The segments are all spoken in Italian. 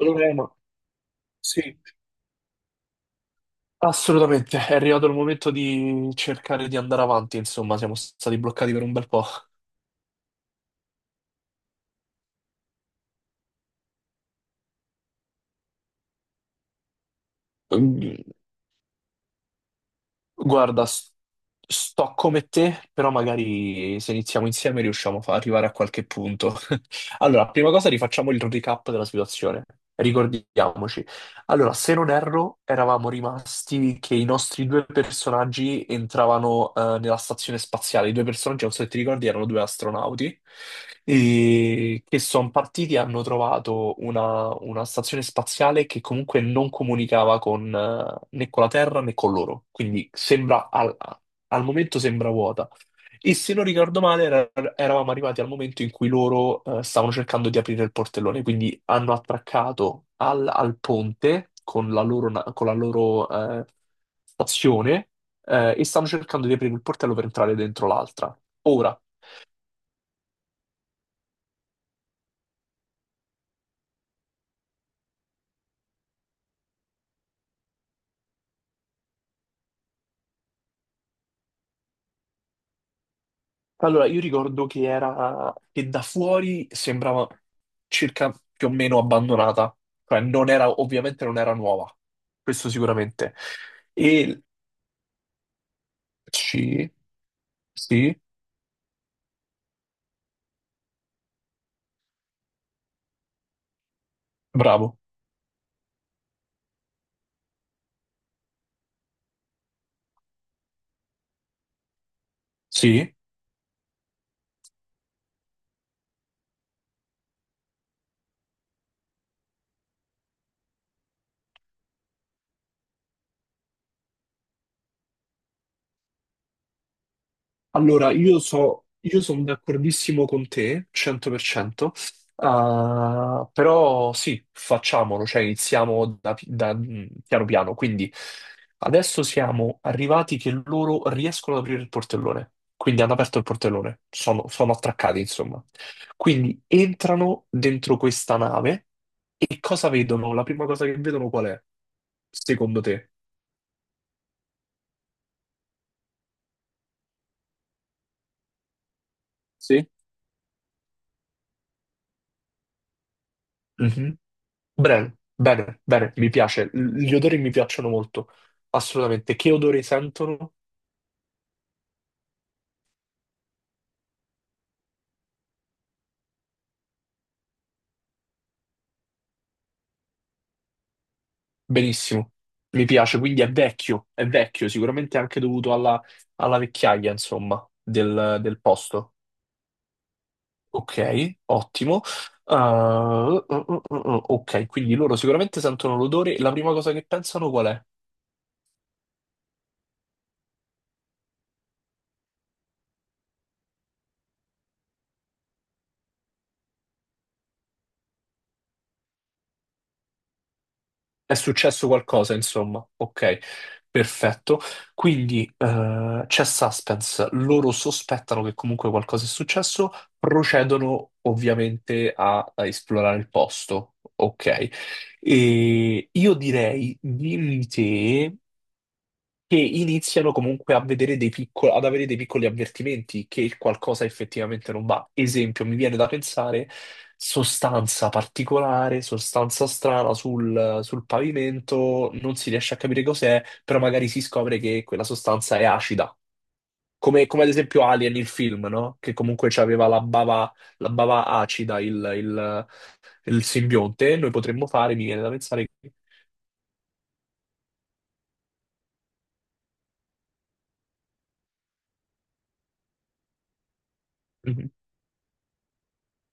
Lorena, sì, assolutamente. È arrivato il momento di cercare di andare avanti, insomma, siamo stati bloccati per un bel po'. Mm. Guarda, sto come te, però magari se iniziamo insieme riusciamo a arrivare a qualche punto. Allora, prima cosa rifacciamo il recap della situazione. Ricordiamoci. Allora, se non erro, eravamo rimasti che i nostri due personaggi entravano nella stazione spaziale. I due personaggi, non so se ti ricordi, erano due astronauti e che sono partiti e hanno trovato una stazione spaziale che comunque non comunicava con né con la Terra né con loro. Quindi sembra al momento sembra vuota. E se non ricordo male, eravamo arrivati al momento in cui loro stavano cercando di aprire il portellone, quindi hanno attraccato al ponte con la loro, con la loro, eh, stazione e stanno cercando di aprire il portello per entrare dentro l'altra. Ora, allora io ricordo che era che da fuori sembrava circa più o meno abbandonata, cioè non era, ovviamente non era nuova, questo sicuramente. E sì, sì, bravo. Sì. Allora, io so, io sono d'accordissimo con te, 100%. Ah, però sì, facciamolo, cioè iniziamo da, piano piano. Quindi adesso siamo arrivati che loro riescono ad aprire il portellone, quindi hanno aperto il portellone, sono attraccati insomma. Quindi entrano dentro questa nave e cosa vedono? La prima cosa che vedono qual è, secondo te? Sì. Bene, bene, bene, mi piace. L- gli odori mi piacciono molto, assolutamente. Che odore sentono? Benissimo, mi piace, quindi è vecchio, sicuramente anche dovuto alla vecchiaia, insomma, del posto. Ok, ottimo. Ah, uh, ok, quindi loro sicuramente sentono l'odore. La prima cosa che pensano qual è? È successo qualcosa, insomma. Ok, perfetto. Quindi c'è suspense, loro sospettano che comunque qualcosa è successo, procedono ovviamente a esplorare il posto. Ok, e io direi, dimmi te, che iniziano comunque a vedere dei piccoli, ad avere dei piccoli avvertimenti che qualcosa effettivamente non va. Esempio, mi viene da pensare sostanza particolare, sostanza strana sul pavimento, non si riesce a capire cos'è, però magari si scopre che quella sostanza è acida. Come ad esempio Alien, il film, no? Che comunque aveva la bava acida, il simbionte. Noi potremmo fare, mi viene da pensare,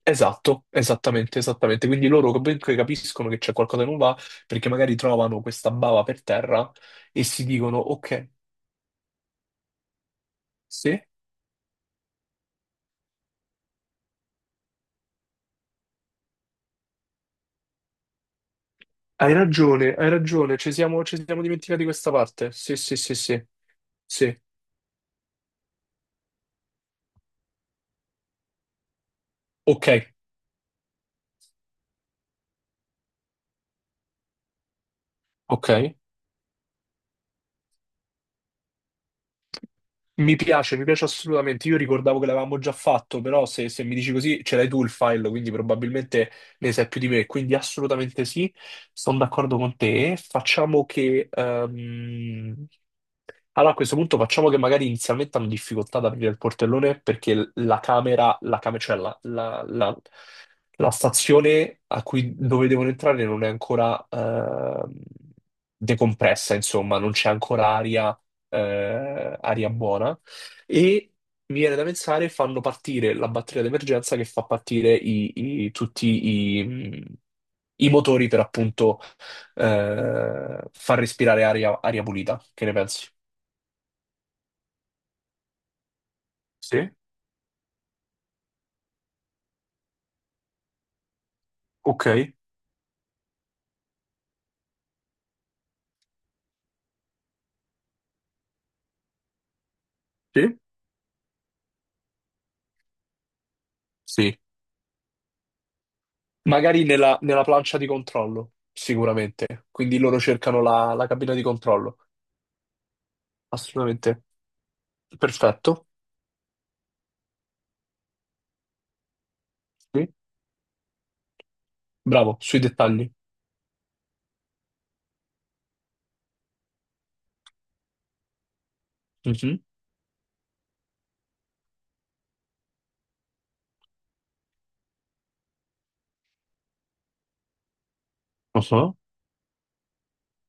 esatto, esattamente, esattamente. Quindi loro comunque capiscono che c'è qualcosa che non va perché magari trovano questa bava per terra e si dicono: Ok, sì, hai ragione, ci siamo dimenticati questa parte. Sì, sì, sì, sì, sì. Ok, ok. Mi piace assolutamente. Io ricordavo che l'avevamo già fatto, però se mi dici così ce l'hai tu il file, quindi probabilmente ne sai più di me. Quindi assolutamente sì, sono d'accordo con te. Facciamo che... allora a questo punto facciamo che magari inizialmente hanno difficoltà ad aprire il portellone perché la camera, cioè la stazione a cui, dove devono entrare non è ancora decompressa, insomma, non c'è ancora aria, aria buona. E mi viene da pensare, fanno partire la batteria d'emergenza che fa partire tutti i motori per appunto far respirare aria, aria pulita. Che ne pensi? Sì, ok. Sì? Sì. Magari nella plancia di controllo, sicuramente. Quindi loro cercano la cabina di controllo. Assolutamente. Perfetto. Sì. Bravo, sui dettagli. Mhm. Mhm.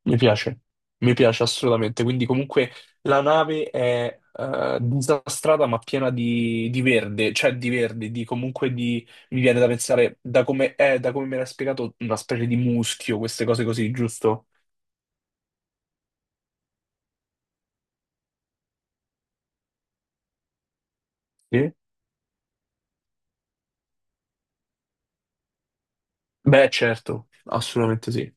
Mi piace. Mi piace assolutamente. Quindi comunque la nave è disastrata ma piena di verde, cioè di verde, di comunque di... Mi viene da pensare, da come è, da come me l'ha spiegato, una specie di muschio, queste cose così, giusto? Sì. Beh, certo, assolutamente sì.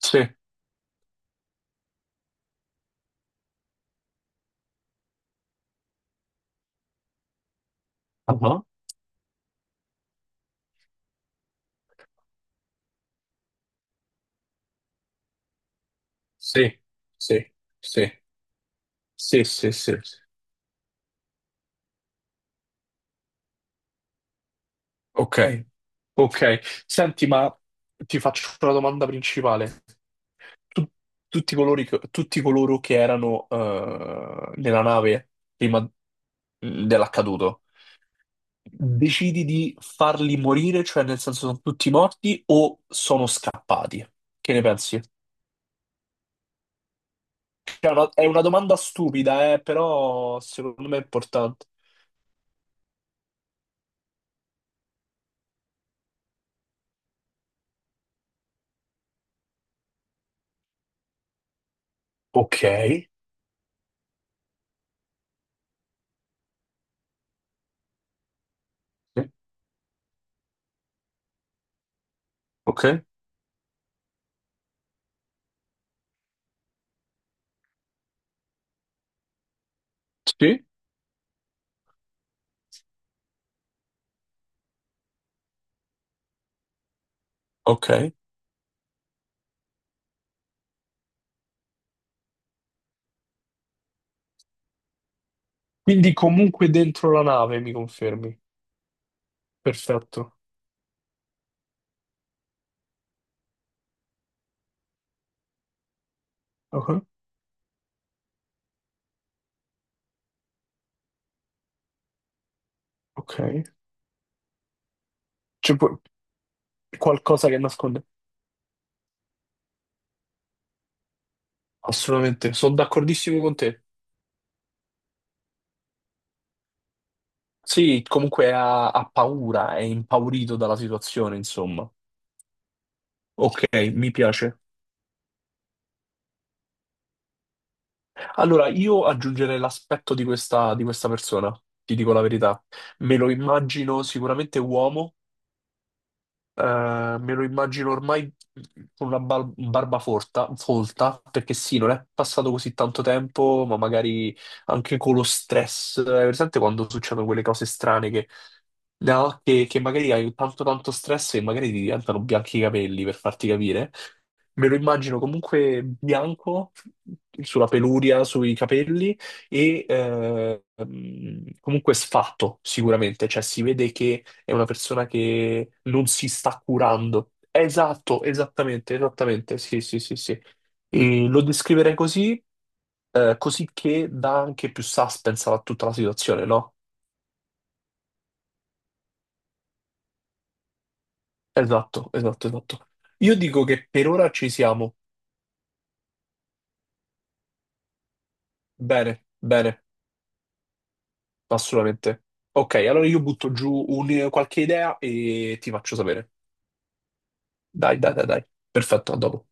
Sì. Sì, sì, sì, sì, sì, sì. Sì. Ok, ok. Senti, ma ti faccio la domanda principale. Tu- tutti tutti coloro che erano nella nave prima dell'accaduto, decidi di farli morire, cioè nel senso sono tutti morti o sono scappati? Che ne pensi? Cioè, è è una domanda stupida, però secondo me è importante. Ok. Sì. Ok. Sì. Ok. Quindi comunque dentro la nave, mi confermi? Perfetto. Ok. Ok. C'è pu- qualcosa che nasconde? Assolutamente, sono d'accordissimo con te. Sì, comunque ha, ha paura, è impaurito dalla situazione, insomma. Ok, mi piace. Allora, io aggiungerei l'aspetto di questa persona, ti dico la verità. Me lo immagino sicuramente uomo. Me lo immagino ormai con una barba forta, folta, perché sì, non è passato così tanto tempo, ma magari anche con lo stress. Hai presente quando succedono quelle cose strane che, no? Che magari hai tanto tanto stress e magari ti diventano bianchi i capelli, per farti capire. Me lo immagino comunque bianco sulla peluria, sui capelli e comunque sfatto sicuramente, cioè si vede che è una persona che non si sta curando. Esatto, esattamente, esattamente, sì, sì, sì, sì. E lo descriverei così, così che dà anche più suspense a tutta la situazione, no? Esatto, esatto, esatto. Io dico che per ora ci siamo. Bene, bene. Assolutamente. Ok, allora io butto giù qualche idea e ti faccio sapere. Dai, dai, dai, dai. Perfetto, a dopo.